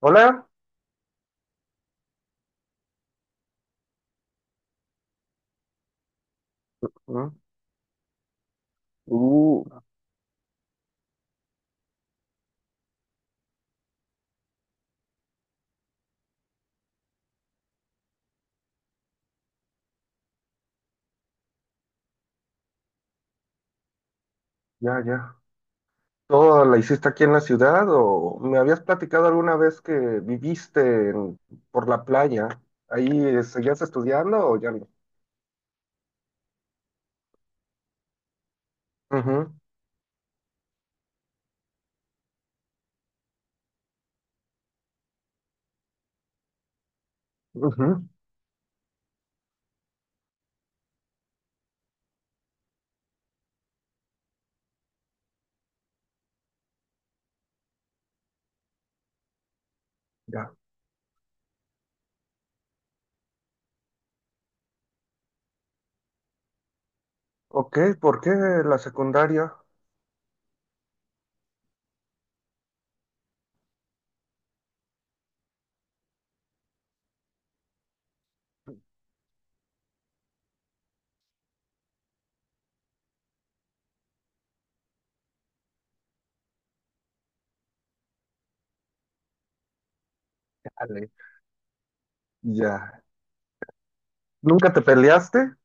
Hola. Mm, Uh, ya. ¿Todo la hiciste aquí en la ciudad o me habías platicado alguna vez que viviste por la playa? ¿Ahí seguías estudiando o ya no? Ujú, ujú, ya. Ok, ¿por qué la secundaria? Ale. Ya. ¿Nunca te peleaste?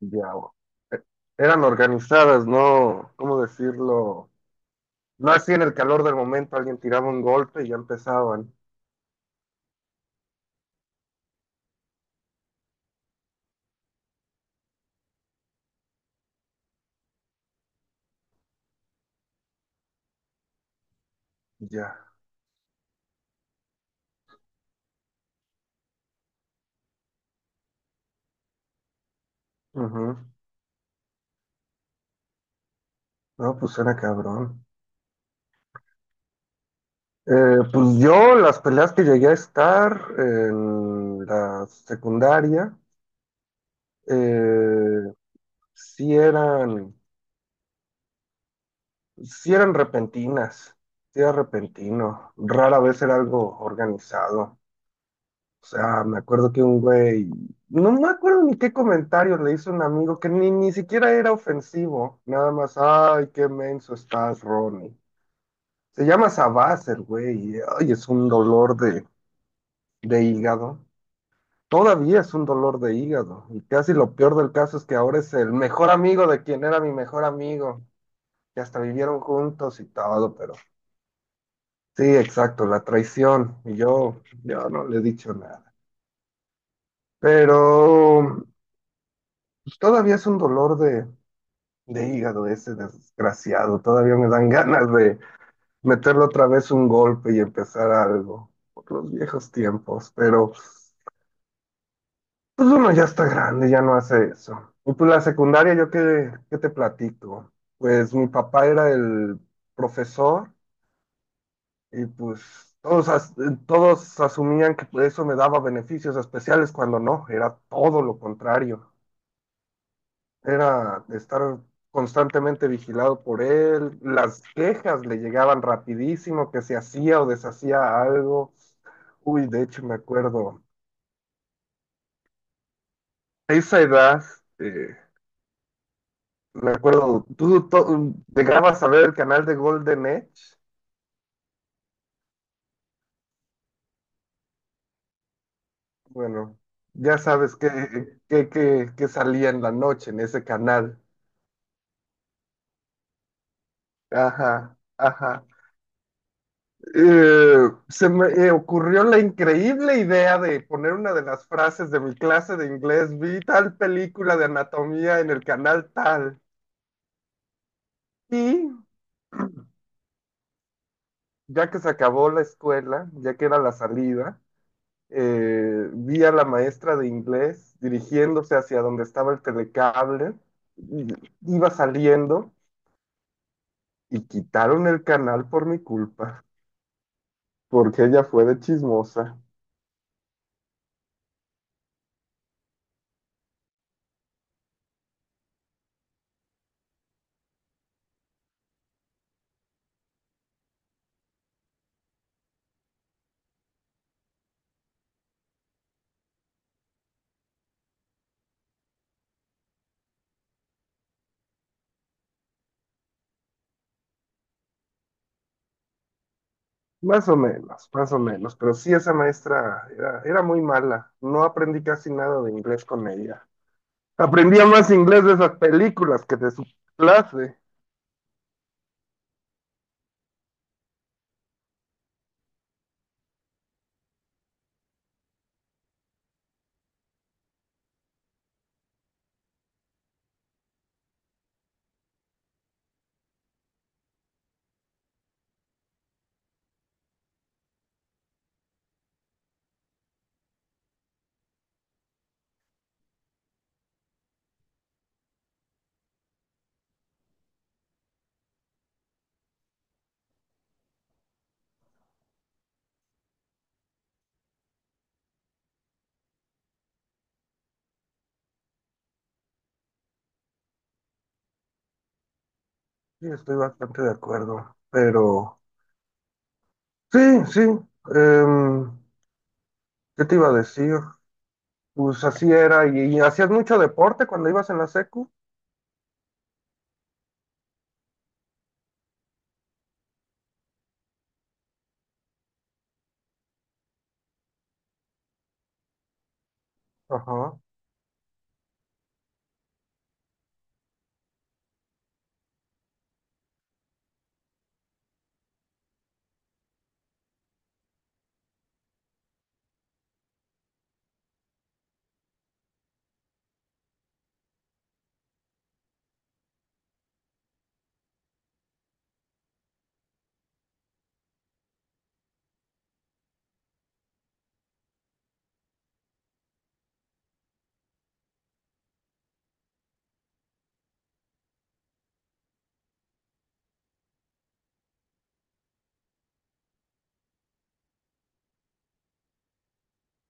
Ya. E- Eran organizadas, ¿no? ¿Cómo decirlo? No así en el calor del momento alguien tiraba un golpe y ya empezaban. Ya. Ujú. No, pues era cabrón. Pues yo las peleas que llegué a estar en la secundaria eh, sí eran, sí eran repentinas, sí era repentino, rara vez era algo organizado. O sea, me acuerdo que un güey, no me acuerdo ni qué comentario le hizo un amigo que ni siquiera era ofensivo, nada más, ay, qué menso estás, Ronnie. Se llama Sabás el güey, y, ay, es un dolor de hígado. Todavía es un dolor de hígado. Y casi lo peor del caso es que ahora es el mejor amigo de quien era mi mejor amigo. Y hasta vivieron juntos y todo, pero sí, exacto, la traición. Y yo no le he dicho nada. Pero pues, todavía es un dolor de hígado ese desgraciado. Todavía me dan ganas de meterle otra vez un golpe y empezar algo. Por los viejos tiempos, pero... Pues uno ya está grande, ya no hace eso. Y pues la secundaria, yo qué te platico. Pues mi papá era el profesor y pues todos asumían que eso me daba beneficios especiales cuando no, era todo lo contrario. Era estar constantemente vigilado por él, las quejas le llegaban rapidísimo, que se hacía o deshacía algo. Uy, de hecho me acuerdo, a esa edad... eh, Me acuerdo, llegabas a ver el canal de Golden Edge. Bueno, ya sabes que salía en la noche en ese canal. Ajá, ajá. Se me ocurrió la increíble idea de poner una de las frases de mi clase de inglés. Vi tal película de anatomía en el canal tal. Y ya que se acabó la escuela, ya que era la salida. Vi a la maestra de inglés dirigiéndose hacia donde estaba el telecable, y iba saliendo y quitaron el canal por mi culpa, porque ella fue de chismosa. Más o menos, pero sí esa maestra era muy mala. No aprendí casi nada de inglés con ella. Aprendía más inglés de esas películas que de su clase. Sí, estoy bastante de acuerdo, pero sí, sí. em, ¿Qué te iba a decir? Pues así era, y hacías mucho deporte cuando ibas en la secu. Ajá,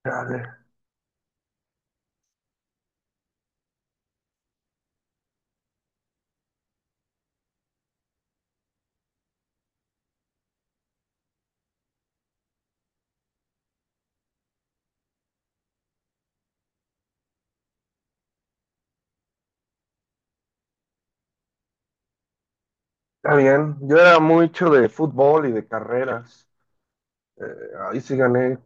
dale, está bien. Yo era mucho de fútbol y de carreras. Eh, Ahí sí gané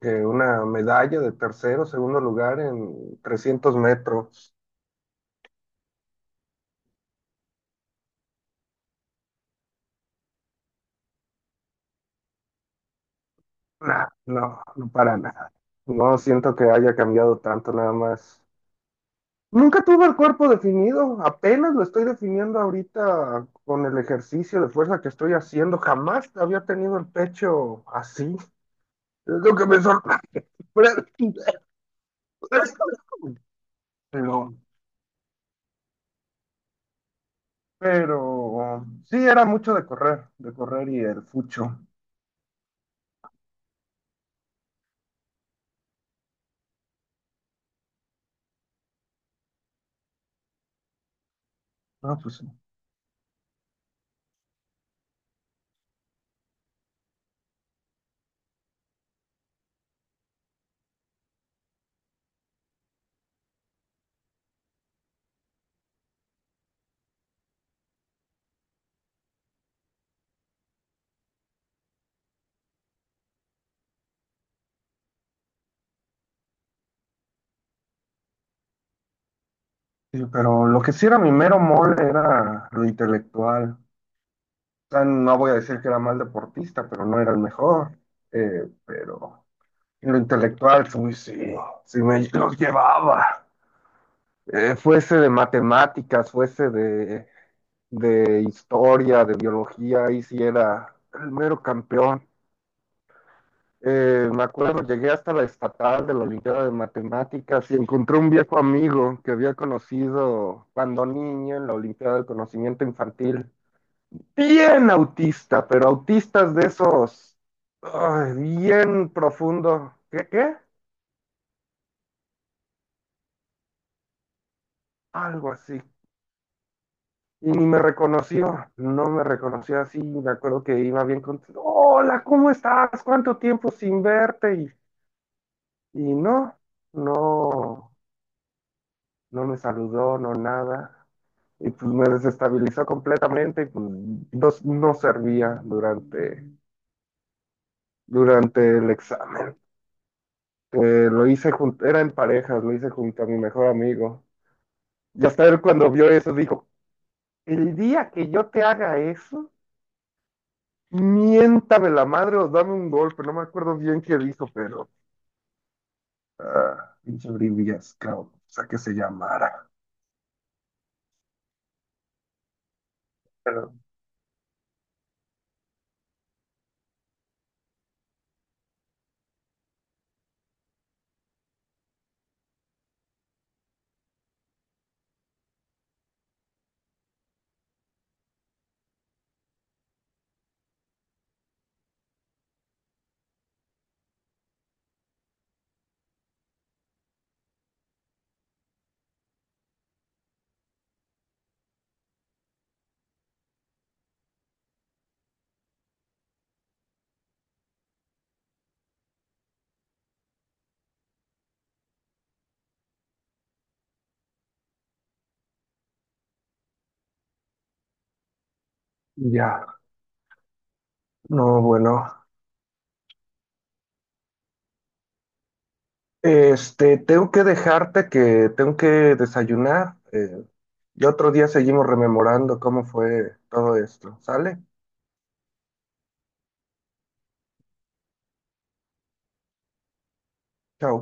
una medalla de tercero, segundo lugar en 300 metros. Nah, no, no para nada. No siento que haya cambiado tanto nada más. Nunca tuve el cuerpo definido, apenas lo estoy definiendo ahorita con el ejercicio de fuerza que estoy haciendo. Jamás había tenido el pecho así. Es lo que me sorprende. Pero, pero sí, era mucho de correr y el fucho. No, pues sí. Sí, pero lo que sí era mi mero mole era lo intelectual. O sea, no voy a decir que era mal deportista, pero no era el mejor. Pero en lo intelectual, sí, sí, sí me los llevaba. Fuese de matemáticas, fuese de historia, de biología, ahí sí era el mero campeón. Me acuerdo, llegué hasta la estatal de la Olimpiada de Matemáticas y encontré un viejo amigo que había conocido cuando niño en la Olimpiada del Conocimiento Infantil. Bien autista, pero autistas de esos ay, bien profundo. ¿Qué, qué? Algo así. Y ni me reconoció, no me reconoció así. Me acuerdo que iba bien contento. Hola, ¿cómo estás? ¿Cuánto tiempo sin verte? Y no, no me saludó, no nada. Y pues me desestabilizó completamente y pues no, no servía durante el examen. Lo hice junto, era en parejas, lo hice junto a mi mejor amigo. Y hasta él cuando vio eso dijo, el día que yo te haga eso, miéntame la madre o dame un golpe. No me acuerdo bien qué dijo, pero... ah, pinche brillas, cabrón. O sea, que se llamara. Pero ya. No, bueno. Este, tengo que dejarte que tengo que desayunar. Y otro día seguimos rememorando cómo fue todo esto. ¿Sale? Chao.